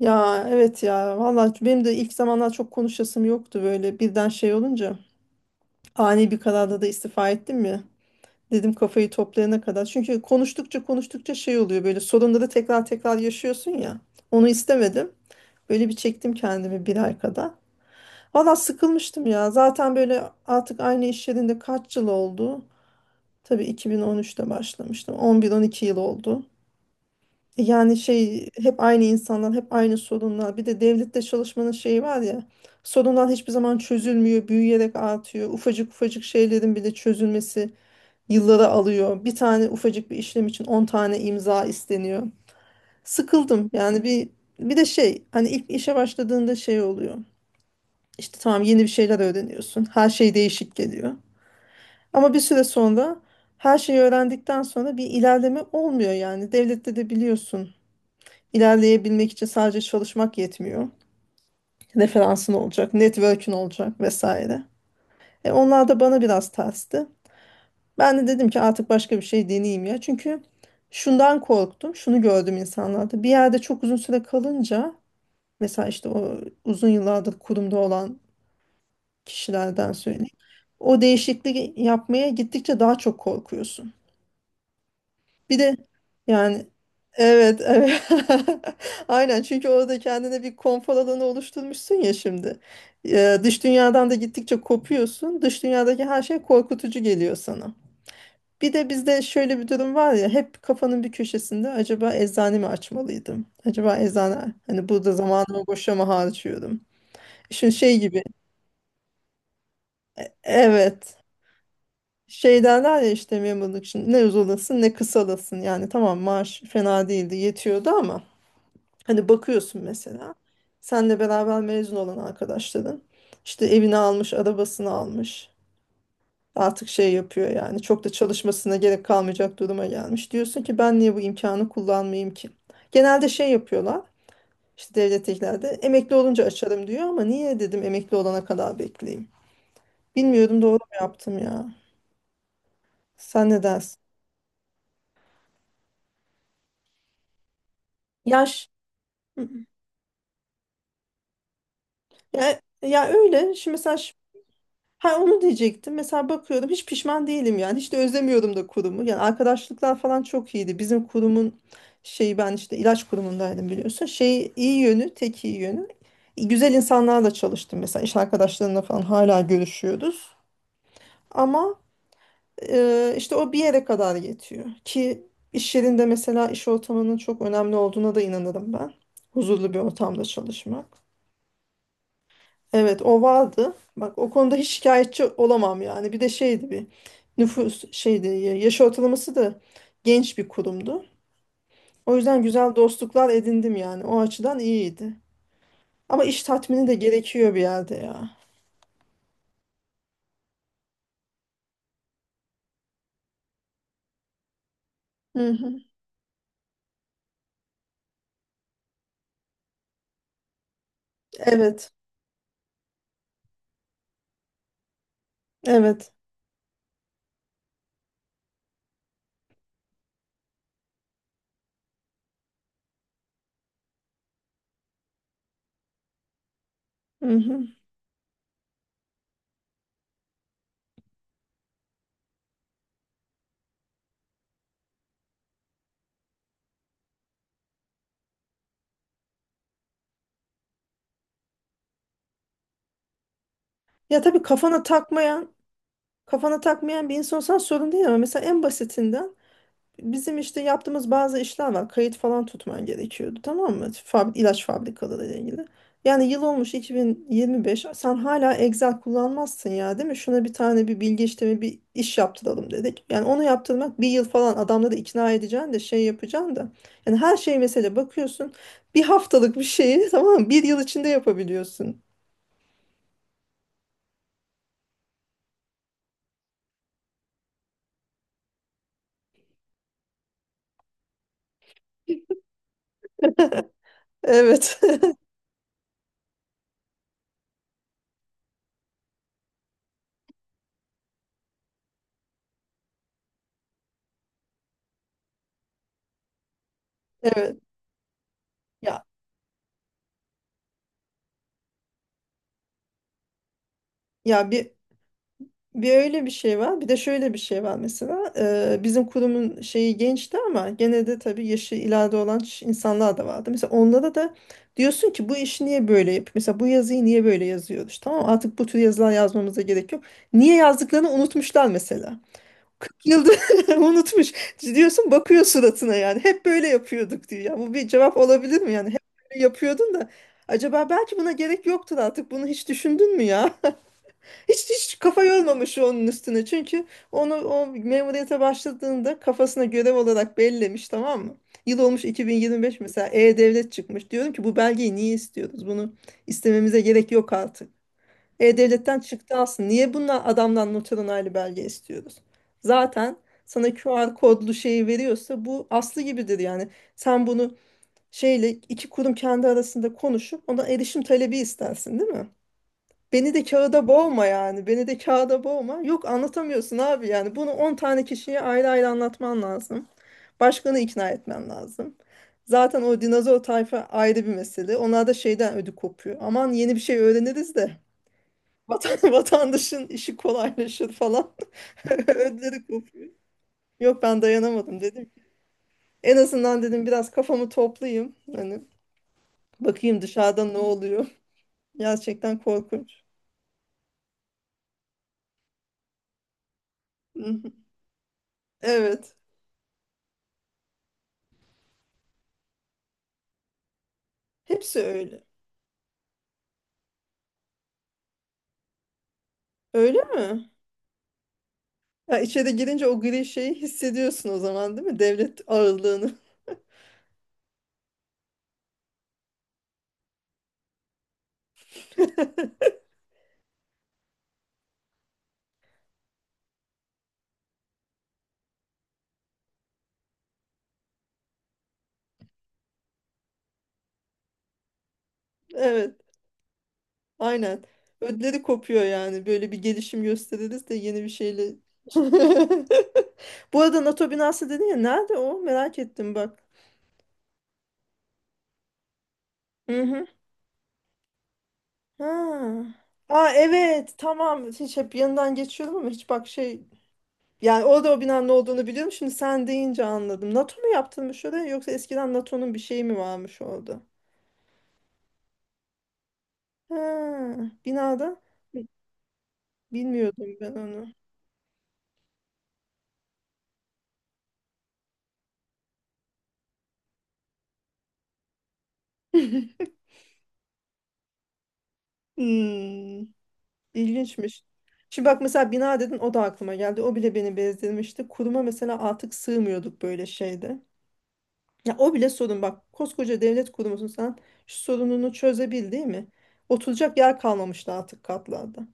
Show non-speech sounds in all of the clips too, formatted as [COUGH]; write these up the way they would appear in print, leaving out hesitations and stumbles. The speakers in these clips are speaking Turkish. Ya evet ya valla benim de ilk zamanlar çok konuşasım yoktu, böyle birden şey olunca ani bir kararda da istifa ettim ya, dedim kafayı toplayana kadar. Çünkü konuştukça konuştukça şey oluyor, böyle sorunları tekrar tekrar yaşıyorsun ya, onu istemedim. Böyle bir çektim kendimi bir ay kadar. Valla sıkılmıştım ya zaten, böyle artık aynı iş yerinde kaç yıl oldu, tabii 2013'te başlamıştım, 11-12 yıl oldu. Yani şey, hep aynı insanlar, hep aynı sorunlar. Bir de devlette çalışmanın şeyi var ya. Sorunlar hiçbir zaman çözülmüyor, büyüyerek artıyor. Ufacık ufacık şeylerin bile çözülmesi yılları alıyor. Bir tane ufacık bir işlem için 10 tane imza isteniyor. Sıkıldım. Yani bir de şey, hani ilk işe başladığında şey oluyor. İşte tamam, yeni bir şeyler öğreniyorsun. Her şey değişik geliyor. Ama bir süre sonra, her şeyi öğrendikten sonra bir ilerleme olmuyor yani. Devlette de biliyorsun, İlerleyebilmek için sadece çalışmak yetmiyor. Referansın olacak, network'ün olacak vesaire. E onlar da bana biraz tersti. Ben de dedim ki artık başka bir şey deneyeyim ya. Çünkü şundan korktum, şunu gördüm insanlarda. Bir yerde çok uzun süre kalınca, mesela işte o uzun yıllardır kurumda olan kişilerden söyleyeyim, o değişikliği yapmaya gittikçe daha çok korkuyorsun. Bir de yani, evet evet, [LAUGHS] aynen, çünkü orada kendine bir konfor alanı oluşturmuşsun ya şimdi. Dış dünyadan da gittikçe kopuyorsun. Dış dünyadaki her şey korkutucu geliyor sana. Bir de bizde şöyle bir durum var ya, hep kafanın bir köşesinde acaba eczane mi açmalıydım? Acaba eczane, hani burada zamanımı boşa mı harcıyorum? Şimdi şey gibi, evet, şey derler ya işte, memurluk için ne uzalasın ne kısalasın. Yani tamam, maaş fena değildi, yetiyordu ama hani bakıyorsun mesela, senle beraber mezun olan arkadaşların işte evini almış, arabasını almış. Artık şey yapıyor yani, çok da çalışmasına gerek kalmayacak duruma gelmiş. Diyorsun ki ben niye bu imkanı kullanmayayım ki? Genelde şey yapıyorlar, işte devletteklerde emekli olunca açarım diyor, ama niye dedim emekli olana kadar bekleyeyim. Bilmiyorum doğru mu yaptım ya. Sen ne dersin? Yaş. Hı hı. Ya, ya öyle. Şimdi mesela, ha onu diyecektim. Mesela bakıyorum hiç pişman değilim yani. Hiç de özlemiyordum da kurumu. Yani arkadaşlıklar falan çok iyiydi. Bizim kurumun şeyi, ben işte ilaç kurumundaydım biliyorsun. Şey iyi yönü, tek iyi yönü, güzel insanlarla çalıştım mesela. İş arkadaşlarımla falan hala görüşüyoruz. Ama işte o bir yere kadar yetiyor. Ki iş yerinde, mesela iş ortamının çok önemli olduğuna da inanırım ben. Huzurlu bir ortamda çalışmak. Evet, o vardı. Bak, o konuda hiç şikayetçi olamam yani. Bir de şeydi, bir nüfus şeydi, yaş ortalaması da genç bir kurumdu. O yüzden güzel dostluklar edindim yani. O açıdan iyiydi. Ama iş tatmini de gerekiyor bir yerde ya. Hı hı. Evet. Evet. Hı hı. Ya tabii kafana takmayan bir insansan sorun değil, ama mesela en basitinden, bizim işte yaptığımız bazı işler var. Kayıt falan tutman gerekiyordu, tamam mı? Fabri ilaç fabrikaları ile ilgili. Yani yıl olmuş 2025, sen hala Excel kullanmazsın ya, değil mi? Şuna bir tane bir bilgi işlemi bir iş yaptıralım dedik. Yani onu yaptırmak bir yıl falan, adamları ikna edeceksin de şey yapacaksın da. Yani her şey mesela, bakıyorsun bir haftalık bir şeyi [LAUGHS] tamam mı? Bir yıl içinde yapabiliyorsun. Evet. [LAUGHS] Evet. Ya, ya bir Bir öyle bir şey var. Bir de şöyle bir şey var mesela. Bizim kurumun şeyi gençti ama gene de tabii yaşı ileride olan insanlar da vardı. Mesela onlara da diyorsun ki bu işi niye böyle yap? Mesela bu yazıyı niye böyle yazıyoruz? Tamam mı? Artık bu tür yazılar yazmamıza gerek yok. Niye yazdıklarını unutmuşlar mesela. 40 yıldır [LAUGHS] unutmuş. Diyorsun, bakıyor suratına yani. Hep böyle yapıyorduk diyor. Ya bu bir cevap olabilir mi yani? Hep böyle yapıyordun da, acaba belki buna gerek yoktur artık. Bunu hiç düşündün mü ya? Hiç hiç kafa yormamış onun üstüne. Çünkü onu, o memuriyete başladığında kafasına görev olarak bellemiş, tamam mı? Yıl olmuş 2025, mesela E-Devlet çıkmış. Diyorum ki bu belgeyi niye istiyoruz? Bunu istememize gerek yok artık. E-Devlet'ten çıktı aslında. Niye bundan, adamdan noter onaylı belge istiyoruz? Zaten sana QR kodlu şeyi veriyorsa bu aslı gibidir yani. Sen bunu şeyle, iki kurum kendi arasında konuşup ona erişim talebi istersin, değil mi? Beni de kağıda boğma yani. Beni de kağıda boğma. Yok, anlatamıyorsun abi yani. Bunu 10 tane kişiye ayrı ayrı anlatman lazım. Başkanı ikna etmen lazım. Zaten o dinozor tayfa ayrı bir mesele. Onlar da şeyden ödü kopuyor. Aman, yeni bir şey öğreniriz de [LAUGHS] vatandaşın işi kolaylaşır falan. [LAUGHS] Ödleri kopuyor. Yok, ben dayanamadım dedim ki, en azından dedim biraz kafamı toplayayım. Hani bakayım dışarıda ne oluyor. Gerçekten korkunç. [LAUGHS] Evet. Hepsi öyle. Öyle mi? Ya içeri girince o gri şeyi hissediyorsun o zaman, değil mi? Devlet ağırlığını. [LAUGHS] Evet, aynen. Ödleri kopuyor yani. Böyle bir gelişim gösteririz de yeni bir şeyle. [LAUGHS] Bu arada NATO binası dedin ya, nerede o? Merak ettim bak. Hı hı. Ha. Aa evet, tamam. Hiç, hep yanından geçiyorum ama hiç bak şey, yani orada o binanın ne olduğunu biliyorum. Şimdi sen deyince anladım. NATO mu yaptırmış oraya, yoksa eskiden NATO'nun bir şeyi mi varmış orada? Ha, binada. Bilmiyordum ben onu. [LAUGHS] Hmm, ilginçmiş. Şimdi bak mesela, bina dedin, o da aklıma geldi. O bile beni bezdirmişti. Kuruma mesela artık sığmıyorduk böyle şeyde. Ya o bile sorun bak. Koskoca devlet kurumusun sen, şu sorununu çözebil değil mi? Oturacak yer kalmamıştı artık katlarda.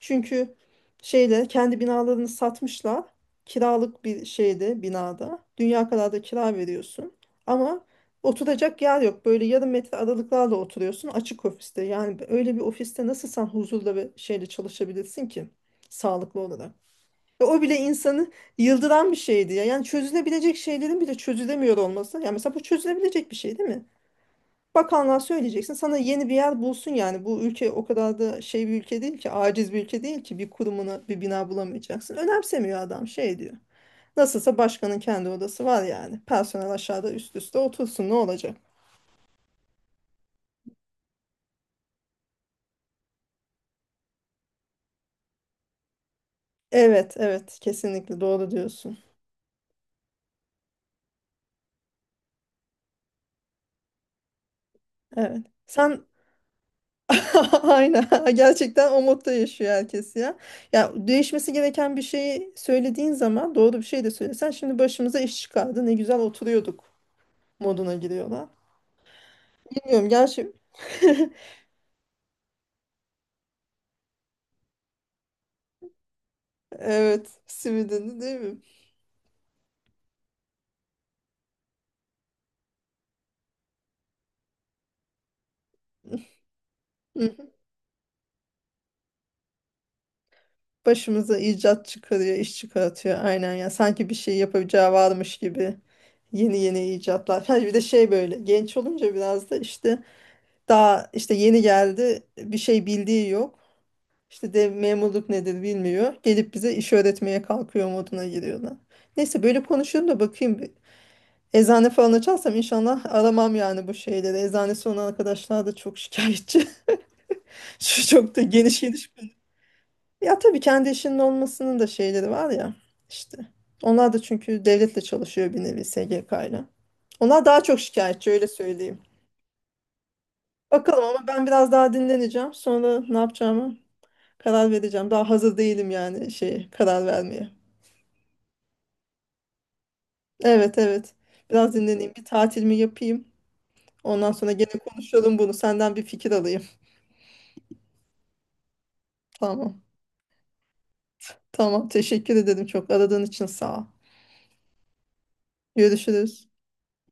Çünkü şeyle, kendi binalarını satmışlar. Kiralık bir şeyde, binada. Dünya kadar da kira veriyorsun. Ama oturacak yer yok. Böyle yarım metre aralıklarla oturuyorsun açık ofiste. Yani öyle bir ofiste nasıl sen huzurla ve şeyle çalışabilirsin ki? Sağlıklı olarak. Ve o bile insanı yıldıran bir şeydi ya. Yani çözülebilecek şeylerin bile çözülemiyor olması. Yani mesela bu çözülebilecek bir şey değil mi? Bakanlığa söyleyeceksin, sana yeni bir yer bulsun yani. Bu ülke o kadar da şey bir ülke değil ki, aciz bir ülke değil ki bir kurumuna bir bina bulamayacaksın. Önemsemiyor adam, şey diyor, nasılsa başkanın kendi odası var yani. Personel aşağıda üst üste otursun ne olacak? Evet, evet. Kesinlikle doğru diyorsun. Evet. Sen. [LAUGHS] Aynen. [LAUGHS] Gerçekten o modda yaşıyor herkes ya. Ya değişmesi gereken bir şeyi söylediğin zaman, doğru bir şey de söylesen, şimdi başımıza iş çıkardı, ne güzel oturuyorduk moduna giriyorlar. Bilmiyorum gerçi, evet, Sivri'nin değil mi? Hı hı. Başımıza icat çıkarıyor, iş çıkartıyor. Aynen ya. Sanki bir şey yapacağı varmış gibi. Yeni yeni icatlar. Ha, bir de şey, böyle genç olunca biraz da işte, daha işte yeni geldi, bir şey bildiği yok. İşte de memurluk nedir bilmiyor. Gelip bize iş öğretmeye kalkıyor moduna giriyorlar. Neyse, böyle konuşuyorum da bakayım bir. Eczane falan açarsam inşallah aramam yani bu şeyleri. Eczanesi olan arkadaşlar da çok şikayetçi. [LAUGHS] Şu çok da geniş geniş konu. Ya tabii kendi işinin olmasının da şeyleri var ya işte. Onlar da çünkü devletle çalışıyor bir nevi, SGK ile. Onlar daha çok şikayetçi öyle söyleyeyim. Bakalım, ama ben biraz daha dinleneceğim. Sonra ne yapacağımı karar vereceğim. Daha hazır değilim yani şey, karar vermeye. Evet evet. Biraz dinleneyim. Bir tatilimi yapayım. Ondan sonra gene konuşalım bunu. Senden bir fikir alayım. Tamam. Tamam. Teşekkür ederim çok. Aradığın için sağ ol. Görüşürüz.